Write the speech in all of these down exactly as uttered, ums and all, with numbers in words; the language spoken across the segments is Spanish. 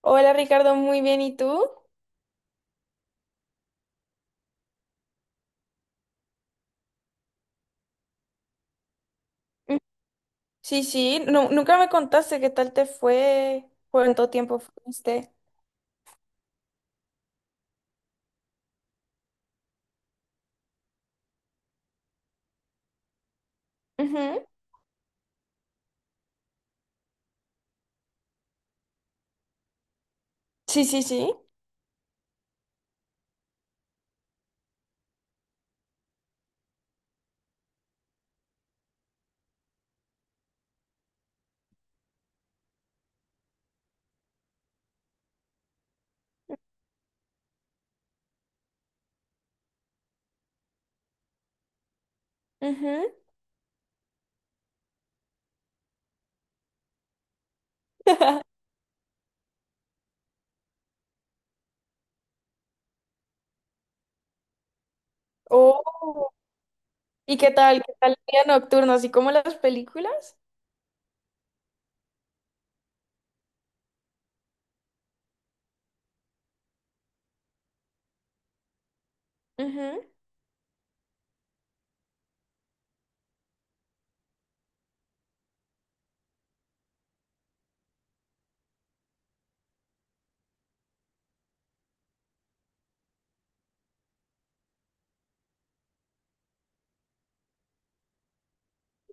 Hola Ricardo, muy bien, ¿y tú? Mm, sí, sí, nu- nunca me contaste qué tal te fue, cuánto tiempo fuiste. Ujú. Sí, sí, sí. Ujú. Oh. ¿Y qué tal? ¿Qué tal el día nocturno? ¿Así como las películas? Ujú.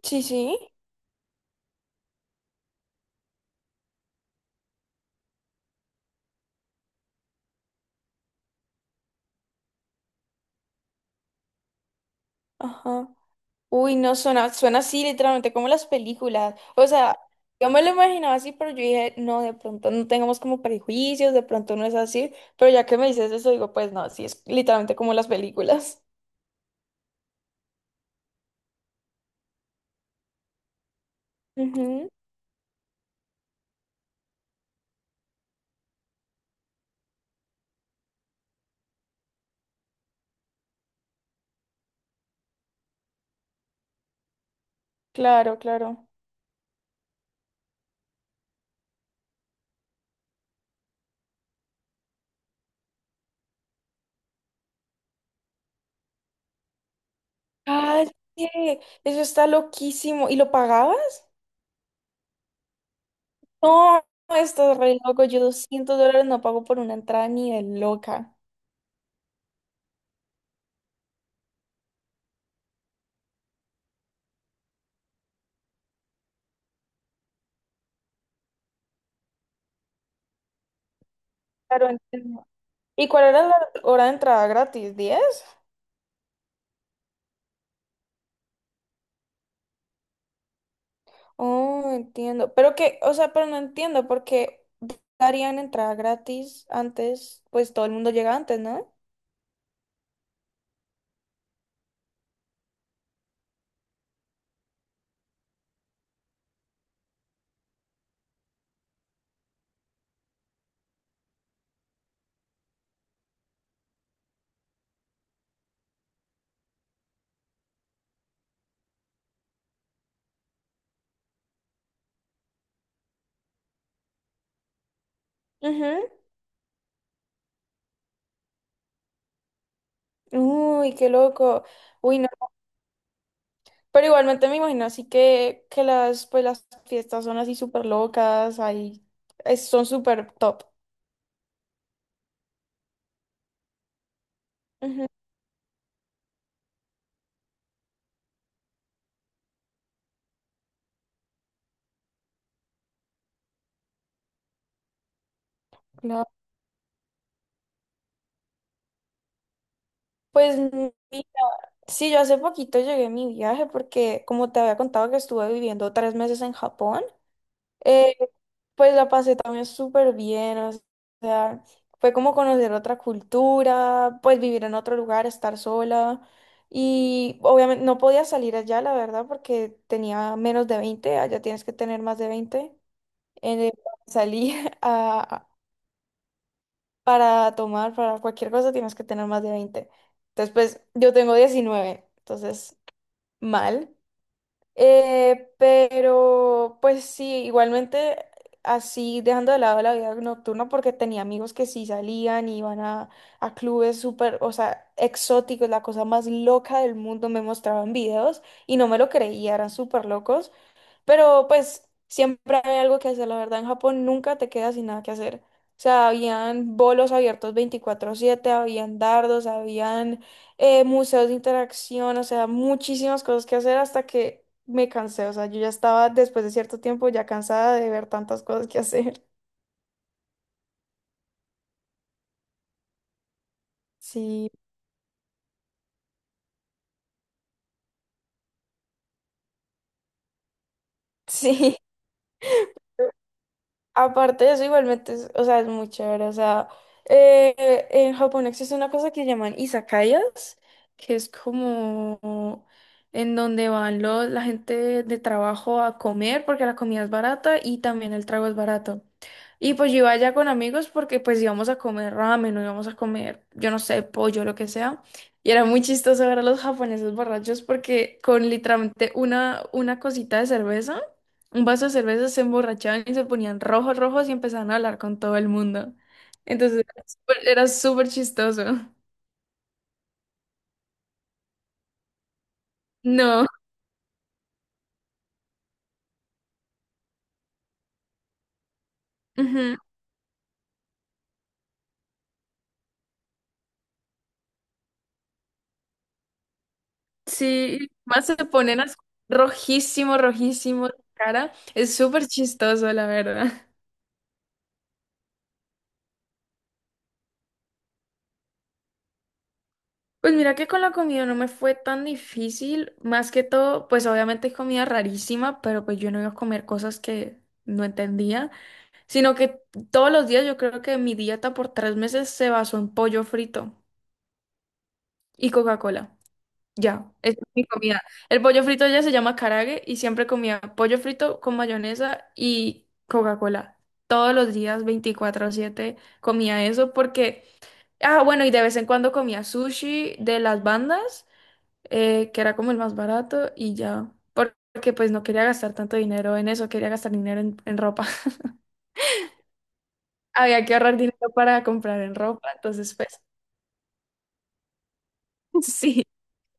Sí, sí. Ajá. Uy, no, suena, suena así literalmente como las películas. O sea, yo me lo imaginaba así, pero yo dije, no, de pronto no tengamos como prejuicios, de pronto no es así. Pero ya que me dices eso, digo, pues no, sí, es literalmente como las películas. Claro, claro. Calle, eso está loquísimo. ¿Y lo pagabas? No, esto es re loco. Yo doscientos dólares no pago por una entrada ni de loca. Claro, entiendo. ¿Y cuál era la hora de entrada gratis? Diez. Oh, entiendo. Pero que, o sea, pero no entiendo porque darían entrada gratis antes, pues todo el mundo llega antes, ¿no? Ujú. Uy, qué loco. Uy, no. Pero igualmente me imagino así que, que las, pues las fiestas son así súper locas, ahí es- son súper top. Ujú, claro. Pues mm, mira, sí, yo hace poquito llegué a mi viaje porque como te había contado que estuve viviendo tres meses en Japón. Eh, pues la pasé también súper bien, o sea, fue como conocer otra cultura, pues vivir en otro lugar, estar sola. Y obviamente no podía salir allá, la verdad, porque tenía menos de veinte. Allá tienes que tener más de veinte. Eh, Salí a- para tomar, para cualquier cosa tienes que tener más de veinte. Entonces, pues yo tengo diecinueve, entonces mal. Eh, pero pues sí, igualmente así dejando de lado la vida nocturna porque tenía amigos que sí salían y iban a, a clubes súper, o sea, exóticos, la cosa más loca del mundo, me mostraban videos y no me lo creía, eran súper locos. Pero pues siempre hay algo que hacer, la verdad. En Japón nunca te quedas sin nada que hacer. O sea, habían bolos abiertos veinticuatro siete, habían dardos, habían eh, museos de interacción, o sea, muchísimas cosas que hacer hasta que me cansé. O sea, yo ya estaba después de cierto tiempo ya cansada de ver tantas cosas que hacer. Sí, sí. Aparte de eso, igualmente, es- o sea, es muy chévere. O sea, eh, en Japón existe una cosa que llaman izakayas, que es como en donde van los, la gente de trabajo a comer porque la comida es barata y también el trago es barato. Y pues yo iba allá con amigos porque pues íbamos a comer ramen o íbamos a comer, yo no sé, pollo, lo que sea. Y era muy chistoso ver a los japoneses borrachos porque con literalmente una, una cosita de cerveza un vaso de cerveza, se emborrachaban y se ponían rojos, rojos y empezaban a hablar con todo el mundo. Entonces era súper era súper chistoso. No, ujú. Sí, más se ponen as- rojísimo, rojísimo la cara. Es súper chistoso, la verdad. Pues mira que con la comida no me fue tan difícil, más que todo, pues obviamente es comida rarísima, pero pues yo no iba a comer cosas que no entendía, sino que todos los días yo creo que mi dieta por tres meses se basó en pollo frito. Y Coca-Cola. Ya, es mi comida. El pollo frito ya se llama karaage y siempre comía pollo frito con mayonesa y Coca-Cola. Todos los días, veinticuatro siete comía eso porque... Ah, bueno, y de vez en cuando comía sushi de las bandas, eh, que era como el más barato y ya. Por- Porque pues no quería gastar tanto dinero en eso, quería gastar dinero en, en ropa. Había que ahorrar dinero para comprar en ropa, entonces pues sí.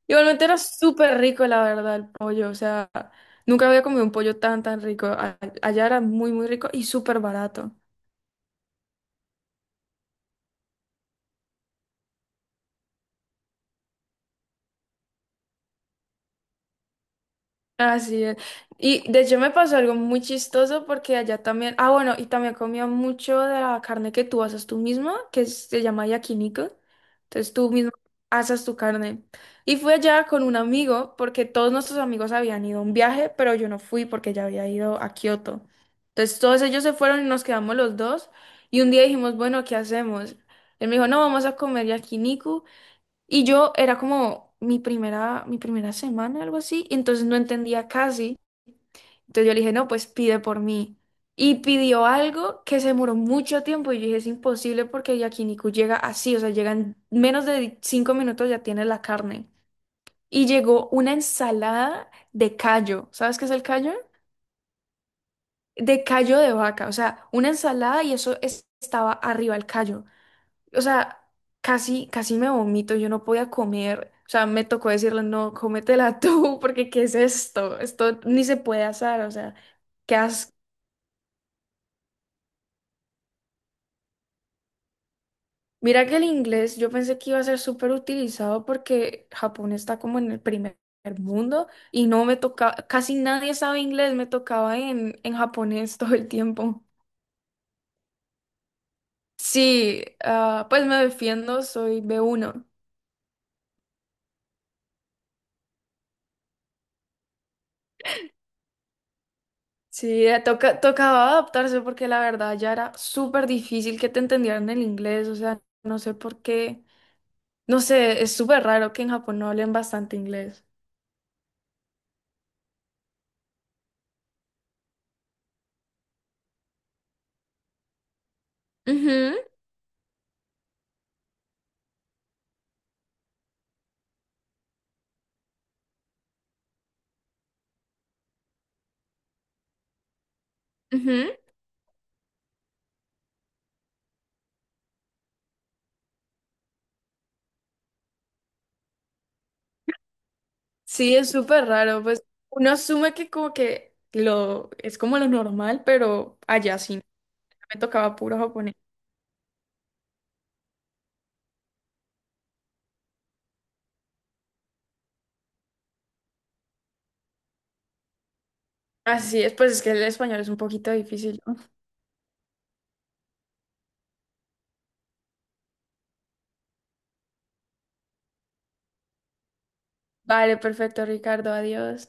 Igualmente era súper rico, la verdad, el pollo. O sea, nunca había comido un pollo tan, tan rico. A- Allá era muy, muy rico y súper barato. Así es. Y de hecho me pasó algo muy chistoso porque allá también, ah bueno, y también comía mucho de la carne que tú asas tú misma, que es- se llama yakiniku. Entonces tú mismo asas tu carne. Y fui allá con un amigo porque todos nuestros amigos habían ido a un viaje, pero yo no fui porque ya había ido a Kioto. Entonces todos ellos se fueron y nos quedamos los dos. Y un día dijimos, bueno, ¿qué hacemos? Él me dijo, no, vamos a comer yakiniku. Y yo era como mi primera, mi primera semana, algo así, y entonces no entendía casi. Entonces yo le dije, no, pues pide por mí. Y pidió algo que se demoró mucho tiempo y yo dije, es imposible porque yakiniku llega así, o sea, llega en menos de cinco minutos ya tiene la carne. Y llegó una ensalada de callo. ¿Sabes qué es el callo? De callo de vaca, o sea, una ensalada y eso es- estaba arriba el callo. O sea, casi, casi me vomito, yo no podía comer, o sea, me tocó decirle, no, cómetela tú, porque ¿qué es esto? Esto ni se puede asar, o sea, qué asco. Mira que el inglés yo pensé que iba a ser súper utilizado porque Japón está como en el primer mundo y no me tocaba, casi nadie sabe inglés, me tocaba en, en japonés todo el tiempo. Sí, ah, pues me defiendo, soy b uno. Sí, eh, toca, tocaba adaptarse porque la verdad ya era súper difícil que te entendieran el inglés, o sea, no sé por qué, no sé, es súper raro que en Japón no hablen bastante inglés. Ujú, ujú. Sí, es súper raro, pues uno asume que como que lo es como lo normal, pero allá sí, me tocaba puro japonés. Así es, pues es que el español es un poquito difícil, ¿no? Vale, perfecto, Ricardo, adiós.